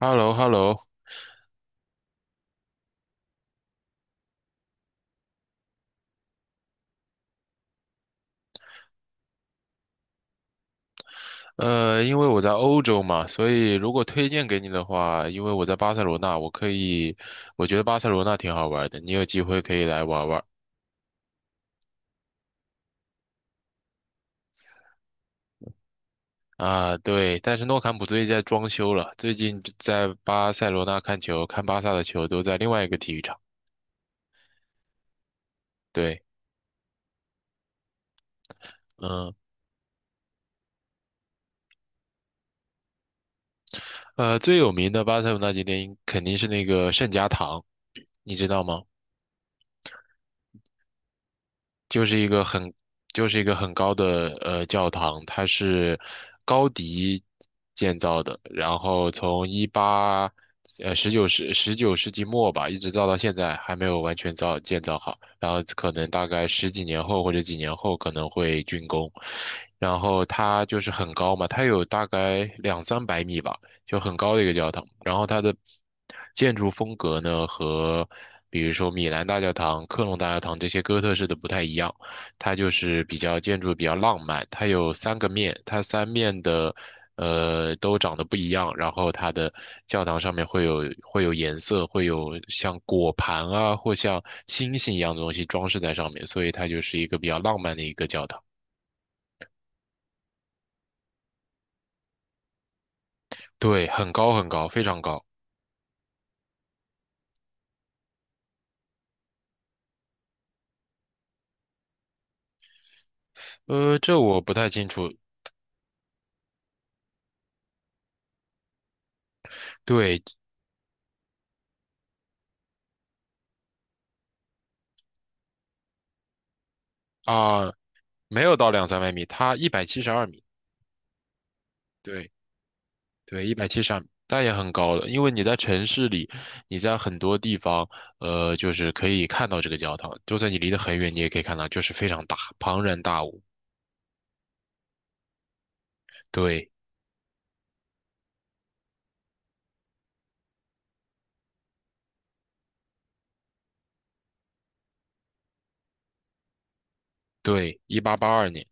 h e l l o h e l l o。 因为我在欧洲嘛，所以如果推荐给你的话，因为我在巴塞罗那，我可以，我觉得巴塞罗那挺好玩的，你有机会可以来玩玩啊。对，但是诺坎普最近在装修了，最近在巴塞罗那看球，看巴萨的球都在另外一个体育场。对，嗯，最有名的巴塞罗那景点应肯定是那个圣家堂，你知道吗？就是一个很就是一个很高的教堂，它是高迪建造的，然后从19世纪末吧，一直造到现在还没有完全建造好，然后可能大概十几年后或者几年后可能会竣工，然后它就是很高嘛，它有大概两三百米吧。就很高的一个教堂。然后它的建筑风格呢，和比如说米兰大教堂、科隆大教堂这些哥特式的不太一样，它就是建筑比较浪漫。它有三个面，它三面的都长得不一样，然后它的教堂上面会有颜色，会有像果盘啊或像星星一样的东西装饰在上面，所以它就是一个比较浪漫的一个教堂。对，很高很高，非常高。这我不太清楚。对啊，没有到两三百米，它一百七十二米，对对，一百七十二米，它也很高了。因为你在城市里，你在很多地方，就是可以看到这个教堂，就算你离得很远，你也可以看到，就是非常大，庞然大物。对对，1882年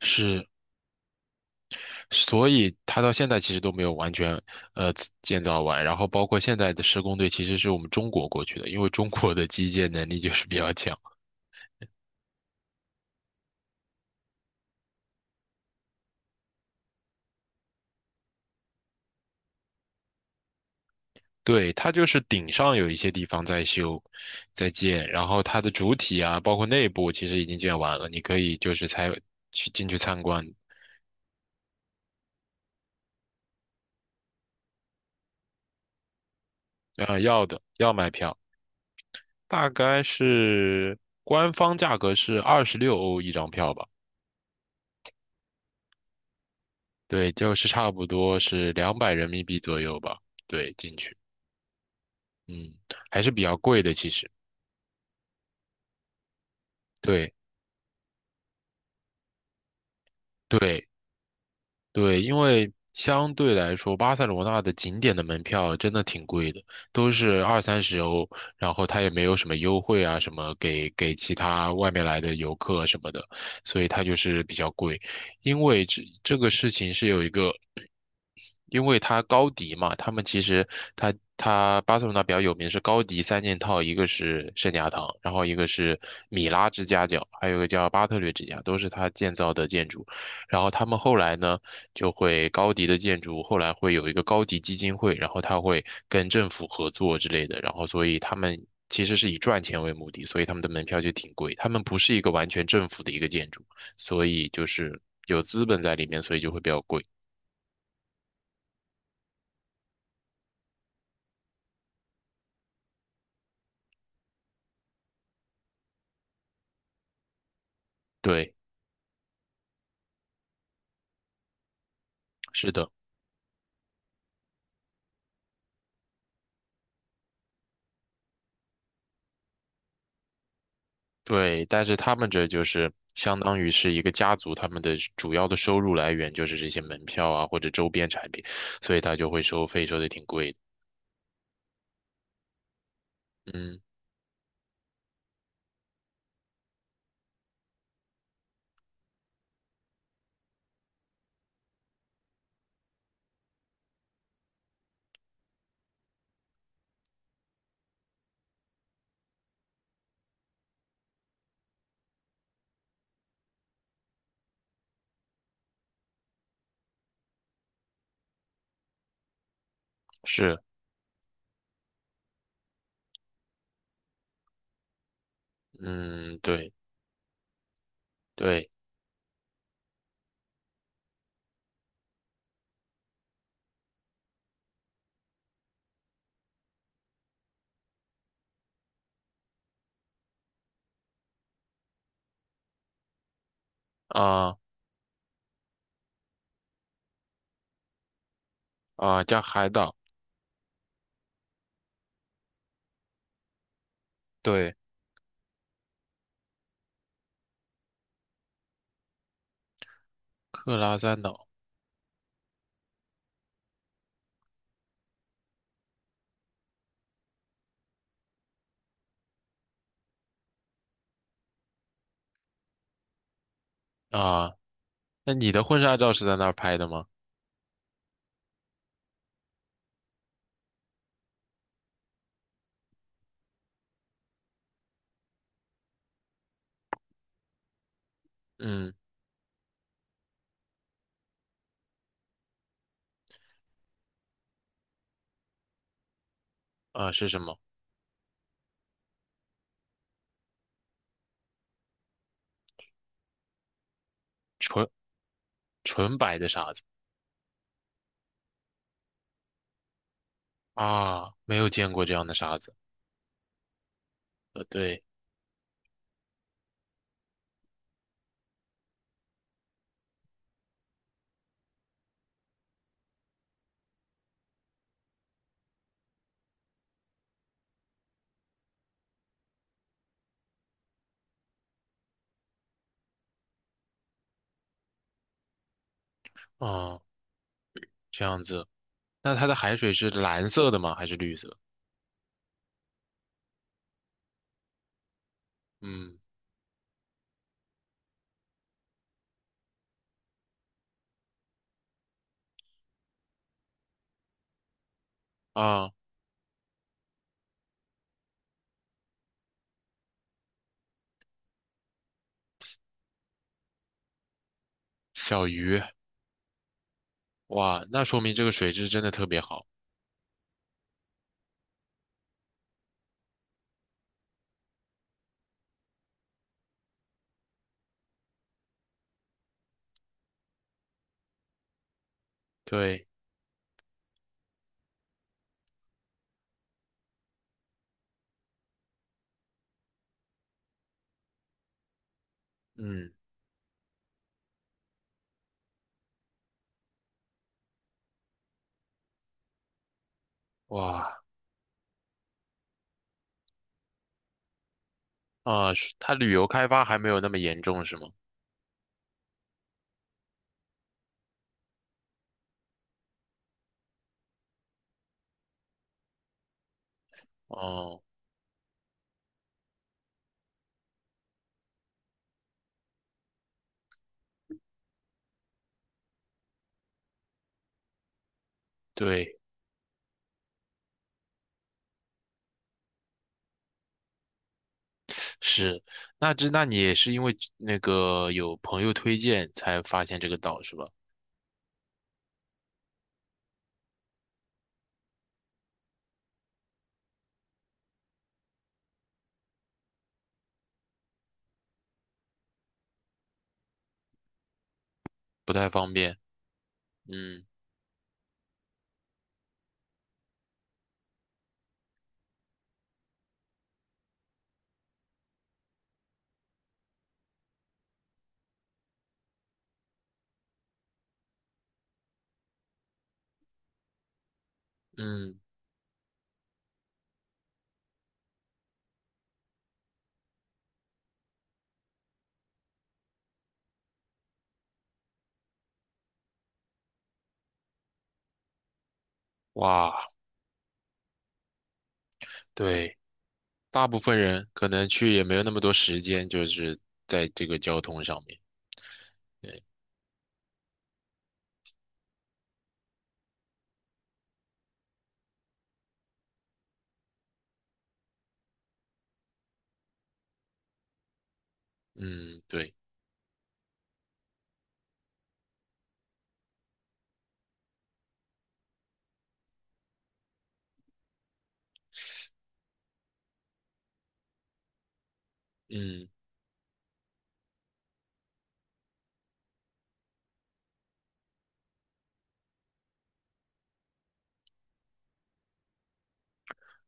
是，所以它到现在其实都没有完全呃建造完，然后包括现在的施工队其实是我们中国过去的，因为中国的基建能力就是比较强。对，它就是顶上有一些地方在修，在建，然后它的主体啊，包括内部其实已经建完了，你可以就是才去进去参观，啊，要的要买票，大概是官方价格是26欧一张票吧，对，就是差不多是200人民币左右吧，对，进去，嗯，还是比较贵的其实，对，对。对，因为相对来说，巴塞罗那的景点的门票真的挺贵的，都是2、30欧，然后它也没有什么优惠啊，什么给其他外面来的游客什么的，所以它就是比较贵。因为这个事情是有一个。因为他高迪嘛，他们其实他巴塞罗那比较有名是高迪三件套，一个是圣家堂，然后一个是米拉之家教，还有一个叫巴特略之家，都是他建造的建筑。然后他们后来呢，就会高迪的建筑后来会有一个高迪基金会，然后他会跟政府合作之类的，然后所以他们其实是以赚钱为目的，所以他们的门票就挺贵，他们不是一个完全政府的一个建筑，所以就是有资本在里面，所以就会比较贵。对，是的。对，但是他们这就是相当于是一个家族，他们的主要的收入来源就是这些门票啊或者周边产品，所以他就会收费，收的挺贵的。嗯，是，嗯，对对啊啊，加海岛，对，克拉三岛啊。那你的婚纱照是在那儿拍的吗？嗯啊，是什么？纯纯白的沙子啊，没有见过这样的沙子。对，啊，这样子。那它的海水是蓝色的吗？还是绿色？嗯。啊，小鱼，哇，那说明这个水质真的特别好。对，嗯，哇，啊，是它旅游开发还没有那么严重是吗？哦，对，是，那你也是因为那个有朋友推荐才发现这个岛是吧？不太方便。嗯嗯，哇，对，大部分人可能去也没有那么多时间，就是在这个交通上面。嗯，对，嗯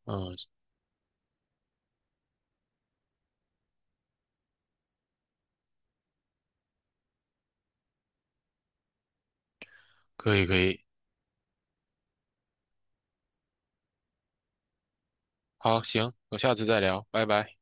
嗯，可以可以，好，行，我下次再聊，拜拜。